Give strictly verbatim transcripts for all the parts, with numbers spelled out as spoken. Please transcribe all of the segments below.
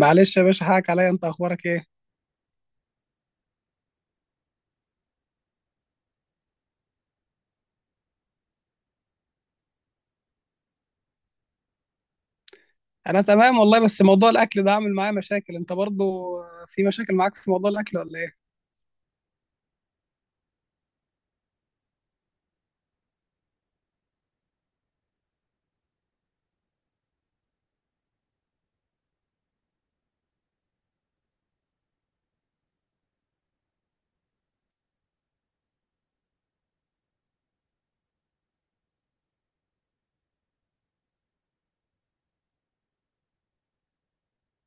معلش يا باشا، حقك عليا. انت اخبارك ايه؟ انا تمام والله، بس موضوع الاكل ده عامل معايا مشاكل. انت برضو في مشاكل معاك في موضوع الاكل ولا ايه؟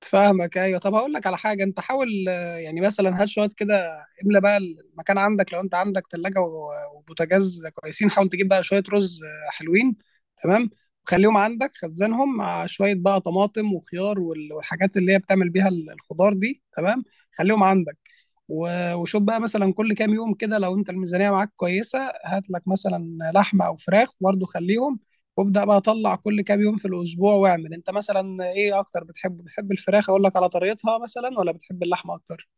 فاهمك. ايوه، طب هقول لك على حاجه. انت حاول آه، يعني مثلا هات شويه كده، املى بقى المكان عندك. لو انت عندك ثلاجه وبوتاجاز كويسين، حاول تجيب بقى شويه رز آه، حلوين، تمام. وخليهم عندك، خزنهم مع شويه بقى طماطم وخيار وال- والحاجات اللي هي بتعمل بيها ال- الخضار دي، تمام. خليهم عندك. و- وشوف بقى مثلا كل كام يوم كده، لو انت الميزانيه معاك كويسه، هات لك مثلا لحمه او فراخ برضه، خليهم. وابدا بقى اطلع كل كام يوم في الاسبوع، واعمل انت مثلا ايه اكتر. بتحب بتحب الفراخ، اقول لك على طريقتها، مثلا، ولا بتحب اللحمه اكتر؟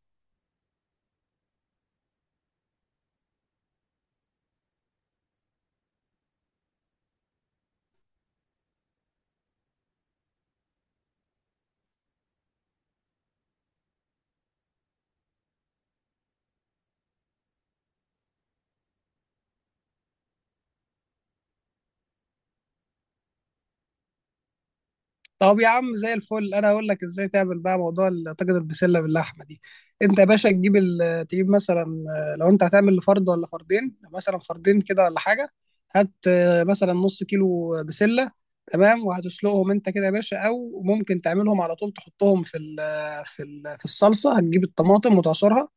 طب يا عم، زي الفل. انا اقول لك ازاي تعمل بقى موضوع ال- طاجن البسله باللحمه دي. انت يا باشا تجيب ال- تجيب مثلا، آه، لو انت هتعمل لفرد ولا فردين، مثلا فردين كده ولا حاجه، هات آه، مثلا نص كيلو بسله، تمام. وهتسلقهم انت كده يا باشا، او ممكن تعملهم على طول تحطهم في ال في ال في الصلصه. هتجيب الطماطم وتعصرها،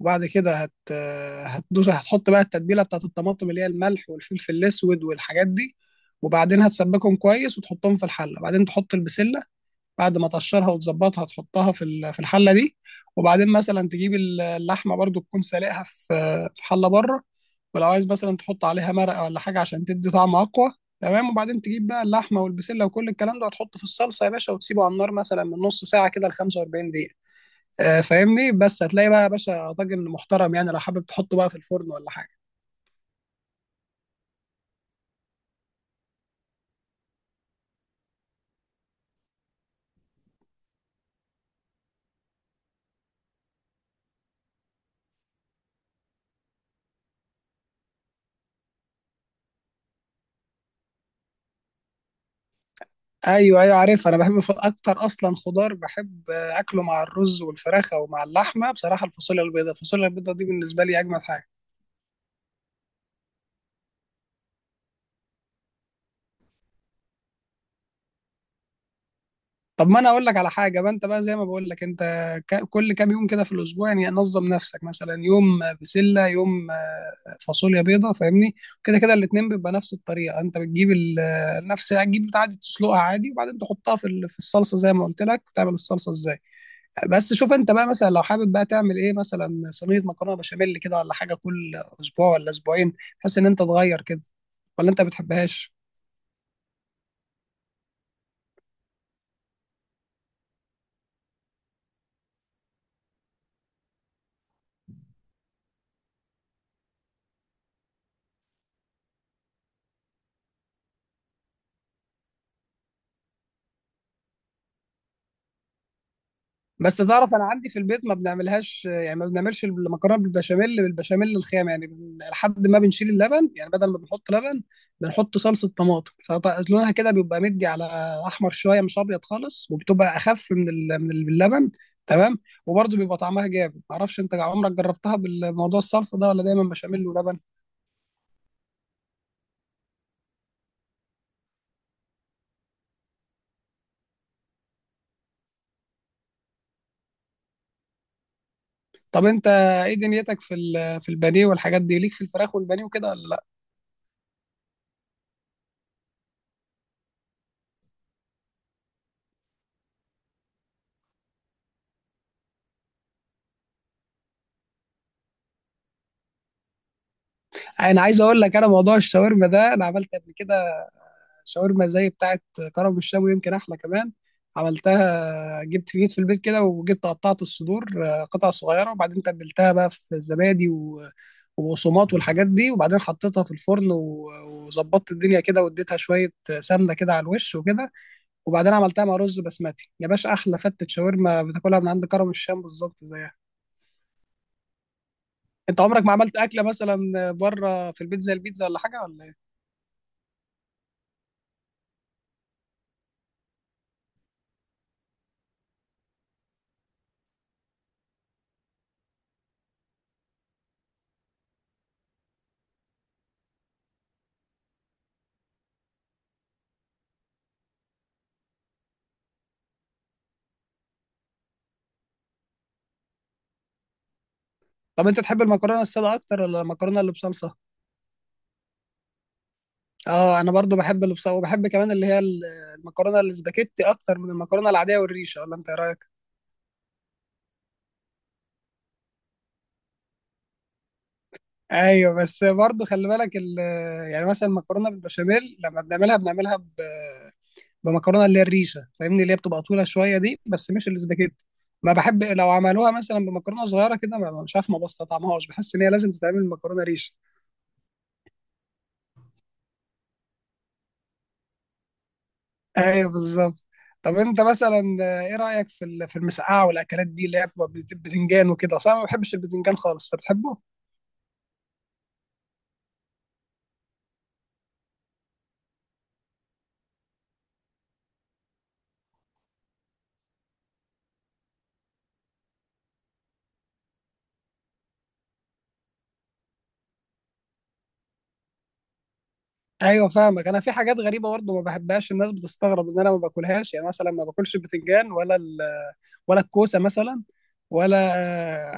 وبعد كده هت هتدوس، هتحط بقى التتبيله بتاعت الطماطم، اللي هي الملح والفلفل الاسود والحاجات دي. وبعدين هتسبكهم كويس وتحطهم في الحله، وبعدين تحط البسله بعد ما تقشرها وتظبطها، تحطها في ال- في الحله دي. وبعدين مثلا تجيب ال- اللحمه برضو، تكون سالقها في في حله بره. ولو عايز مثلا تحط عليها مرقه ولا حاجه عشان تدي طعم اقوى، تمام. وبعدين تجيب بقى اللحمه والبسله وكل الكلام ده، وتحطه في الصلصه يا باشا، وتسيبه على النار مثلا من نص ساعه كده ل خمسة وأربعين دقيقه. آه، فاهمني؟ بس هتلاقي بقى يا باشا طاجن محترم، يعني لو حابب تحطه بقى في الفرن ولا حاجه. ايوه ايوه، عارف. انا بحب الف- اكتر اصلا خضار بحب آه، اكله مع الرز والفراخه ومع اللحمه بصراحه، الفاصوليا البيضاء. الفاصوليا البيضاء دي بالنسبه لي اجمد حاجه. طب، ما انا اقول لك على حاجه بقى. انت بقى زي ما بقول لك، انت ك- كل كام يوم كده في الاسبوع، يعني نظم نفسك، مثلا يوم آه، بسله، يوم آه، فاصوليا بيضاء، فاهمني؟ كده كده الاتنين بيبقى نفس الطريقه. انت بتجيب ال- آه، نفس، هتجيب عادي تسلقها عادي، وبعدين تحطها في ال- في الصلصه زي ما قلت لك. وتعمل الصلصه ازاي؟ بس شوف انت بقى، مثلا لو حابب بقى تعمل ايه، مثلا صينيه مكرونه بشاميل كده ولا حاجه، كل اسبوع ولا اسبوعين، بحيث ان انت تغير كده، ولا انت بتحبهاش؟ بس تعرف انا عندي في البيت ما بنعملهاش يعني، ما بنعملش المكرونه بالبشاميل بالبشاميل الخام يعني، بن- لحد ما بنشيل اللبن يعني، بدل ما بنحط لبن، بنحط صلصه طماطم، فلونها كده بيبقى مدي على احمر شويه، مش ابيض خالص، وبتبقى اخف من ال- من ال- اللبن، تمام. وبرضه بيبقى طعمها جامد. معرفش انت عمرك جربتها بالموضوع الصلصه ده، ولا دايما بشاميل ولبن؟ طب انت ايه دنيتك في ال- في البانيه والحاجات دي، ليك في الفراخ والبانيه وكده ولا لا؟ انا عايز اقول لك، انا موضوع الشاورما ده انا عملت قبل كده شاورما زي بتاعه كرم الشام، ويمكن احلى كمان. عملتها، جبت في جيت في البيت كده، وجبت قطعت الصدور آه، قطع صغيره، وبعدين تبلتها بقى في الزبادي و- وبقسماط والحاجات دي، وبعدين حطيتها في الفرن و- وظبطت الدنيا كده، واديتها شويه سمنه كده على الوش وكده، وبعدين عملتها مع رز بسمتي. يا باشا، احلى فتة شاورما بتاكلها من عند كرم الشام، بالظبط زيها. انت عمرك ما عملت اكله مثلا بره في البيت زي البيتزا ولا حاجه، ولا ايه؟ طب انت تحب المكرونه الساده اكتر، ولا المكرونه اللي بصلصه؟ اه، انا برضو بحب اللي بصلصه، وبحب كمان اللي هي ال- المكرونه الاسباجيتي اكتر من المكرونه العاديه والريشه. ولا انت ايه رايك؟ ايوه، بس برضو خلي بالك ال- يعني مثلا المكرونه بالبشاميل، لما بنعملها بنعملها ب... بمكرونه اللي هي الريشه، فاهمني؟ اللي هي بتبقى طويله شويه دي، بس مش الاسباجيتي. ما بحب لو عملوها مثلا بمكرونه صغيره كده، ما- مش عارف، ما بستطعمهاش، بحس ان هي لازم تتعمل مكرونه ريشه. ايوه، بالظبط. طب انت مثلا آه، ايه رايك في ال- في المسقعه والاكلات دي، اللي هي بتبقى بت- بتنجان وكده؟ اصلا أنا ما بحبش البتنجان خالص، انت بتحبه؟ ايوه، فاهمك. انا في حاجات غريبه برضه ما بحبهاش، الناس بتستغرب ان انا ما باكلهاش، يعني مثلا ما باكلش البتنجان، ولا ال ولا الكوسه مثلا، ولا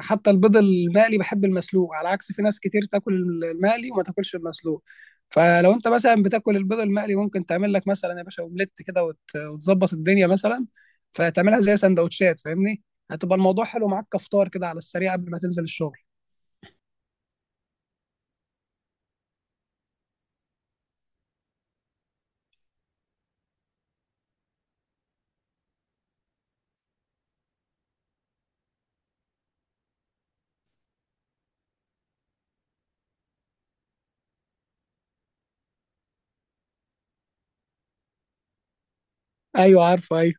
حتى البيض المقلي، بحب المسلوق، على عكس في ناس كتير تاكل المقلي وما تاكلش المسلوق. فلو انت مثلا بتاكل البيض المقلي، ممكن تعمل لك مثلا يا باشا اومليت كده، وت- وتظبط الدنيا، مثلا فتعملها زي سندوتشات، فاهمني؟ هتبقى الموضوع حلو معاك كفطار كده على السريع قبل ما تنزل الشغل. ايوه، عارفه. ايوه،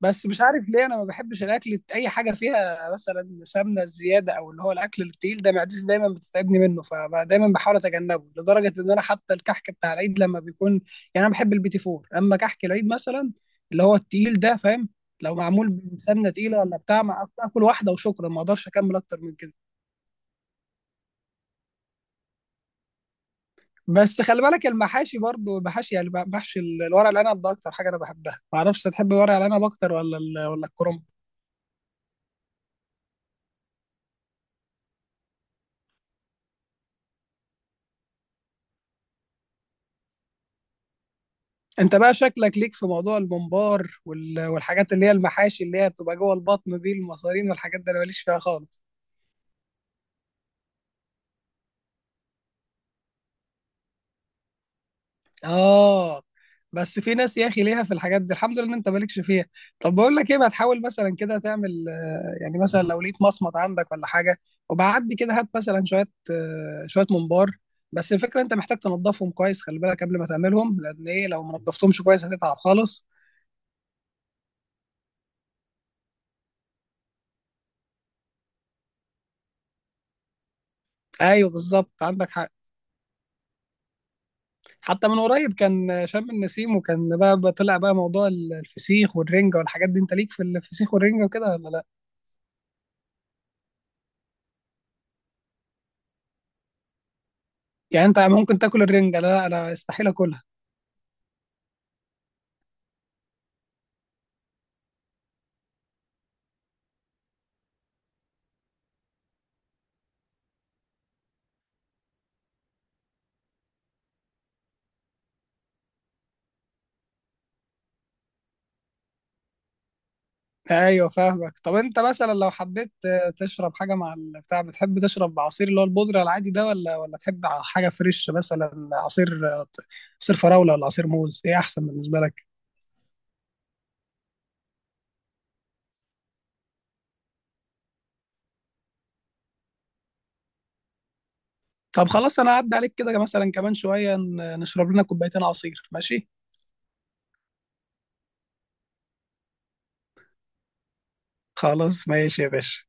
بس مش عارف ليه انا ما بحبش الاكل اي حاجه فيها مثلا سمنه زياده، او اللي هو الاكل التقيل ده، معدتي دايما بتتعبني منه، فدايما بحاول اتجنبه، لدرجه ان انا حتى الكحك بتاع العيد لما بيكون، يعني انا بحب البيتي فور اما كحك العيد مثلا، اللي هو التقيل ده، فاهم؟ لو معمول بسمنه تقيله ولا بتاع، ما اكل واحده وشكرا، ما اقدرش اكمل اكتر من كده. بس خلي بالك، المحاشي برضو، المحاشي يعني محشي الورق العنب ده اكتر حاجه انا بحبها. ما اعرفش تحب ورق العنب اكتر ولا ال- ولا الكرنب؟ انت بقى شكلك ليك في موضوع الممبار وال- والحاجات اللي هي المحاشي، اللي هي بتبقى جوه البطن دي، المصارين والحاجات دي، انا ماليش فيها خالص. اه، بس في ناس يا اخي ليها في الحاجات دي، الحمد لله ان انت مالكش فيها. طب بقول لك ايه، ما تحاول مثلا كده تعمل، آه، يعني مثلا لو لقيت مصمت عندك ولا حاجه، وبعدي كده هات مثلا شويه، آه، شويه ممبار. بس الفكره، انت محتاج تنضفهم كويس، خلي بالك قبل ما تعملهم، لان ايه، لو ما نضفتهمش كويس هتتعب خالص. ايوه، بالظبط، عندك حق. حتى من قريب كان شم النسيم، وكان بقى بقى طلع بقى موضوع ال- الفسيخ والرنجة والحاجات دي. انت ليك في الفسيخ والرنجة وكده ولا لا؟ يعني انت ممكن تاكل الرنجة؟ لا، انا استحيل اكلها. ايوه، فاهمك. طب انت مثلا لو حبيت آه، تشرب حاجة مع البتاع، بتحب تشرب عصير اللي هو البودرة العادي ده، ولا ولا تحب حاجة فريش مثلا، عصير آه، عصير فراولة ولا عصير موز، ايه احسن بالنسبة لك؟ طب خلاص، انا هعدي عليك كده مثلا كمان شوية، ن- نشرب لنا كوبايتين عصير، ماشي؟ خلاص، ماشي يا باشا.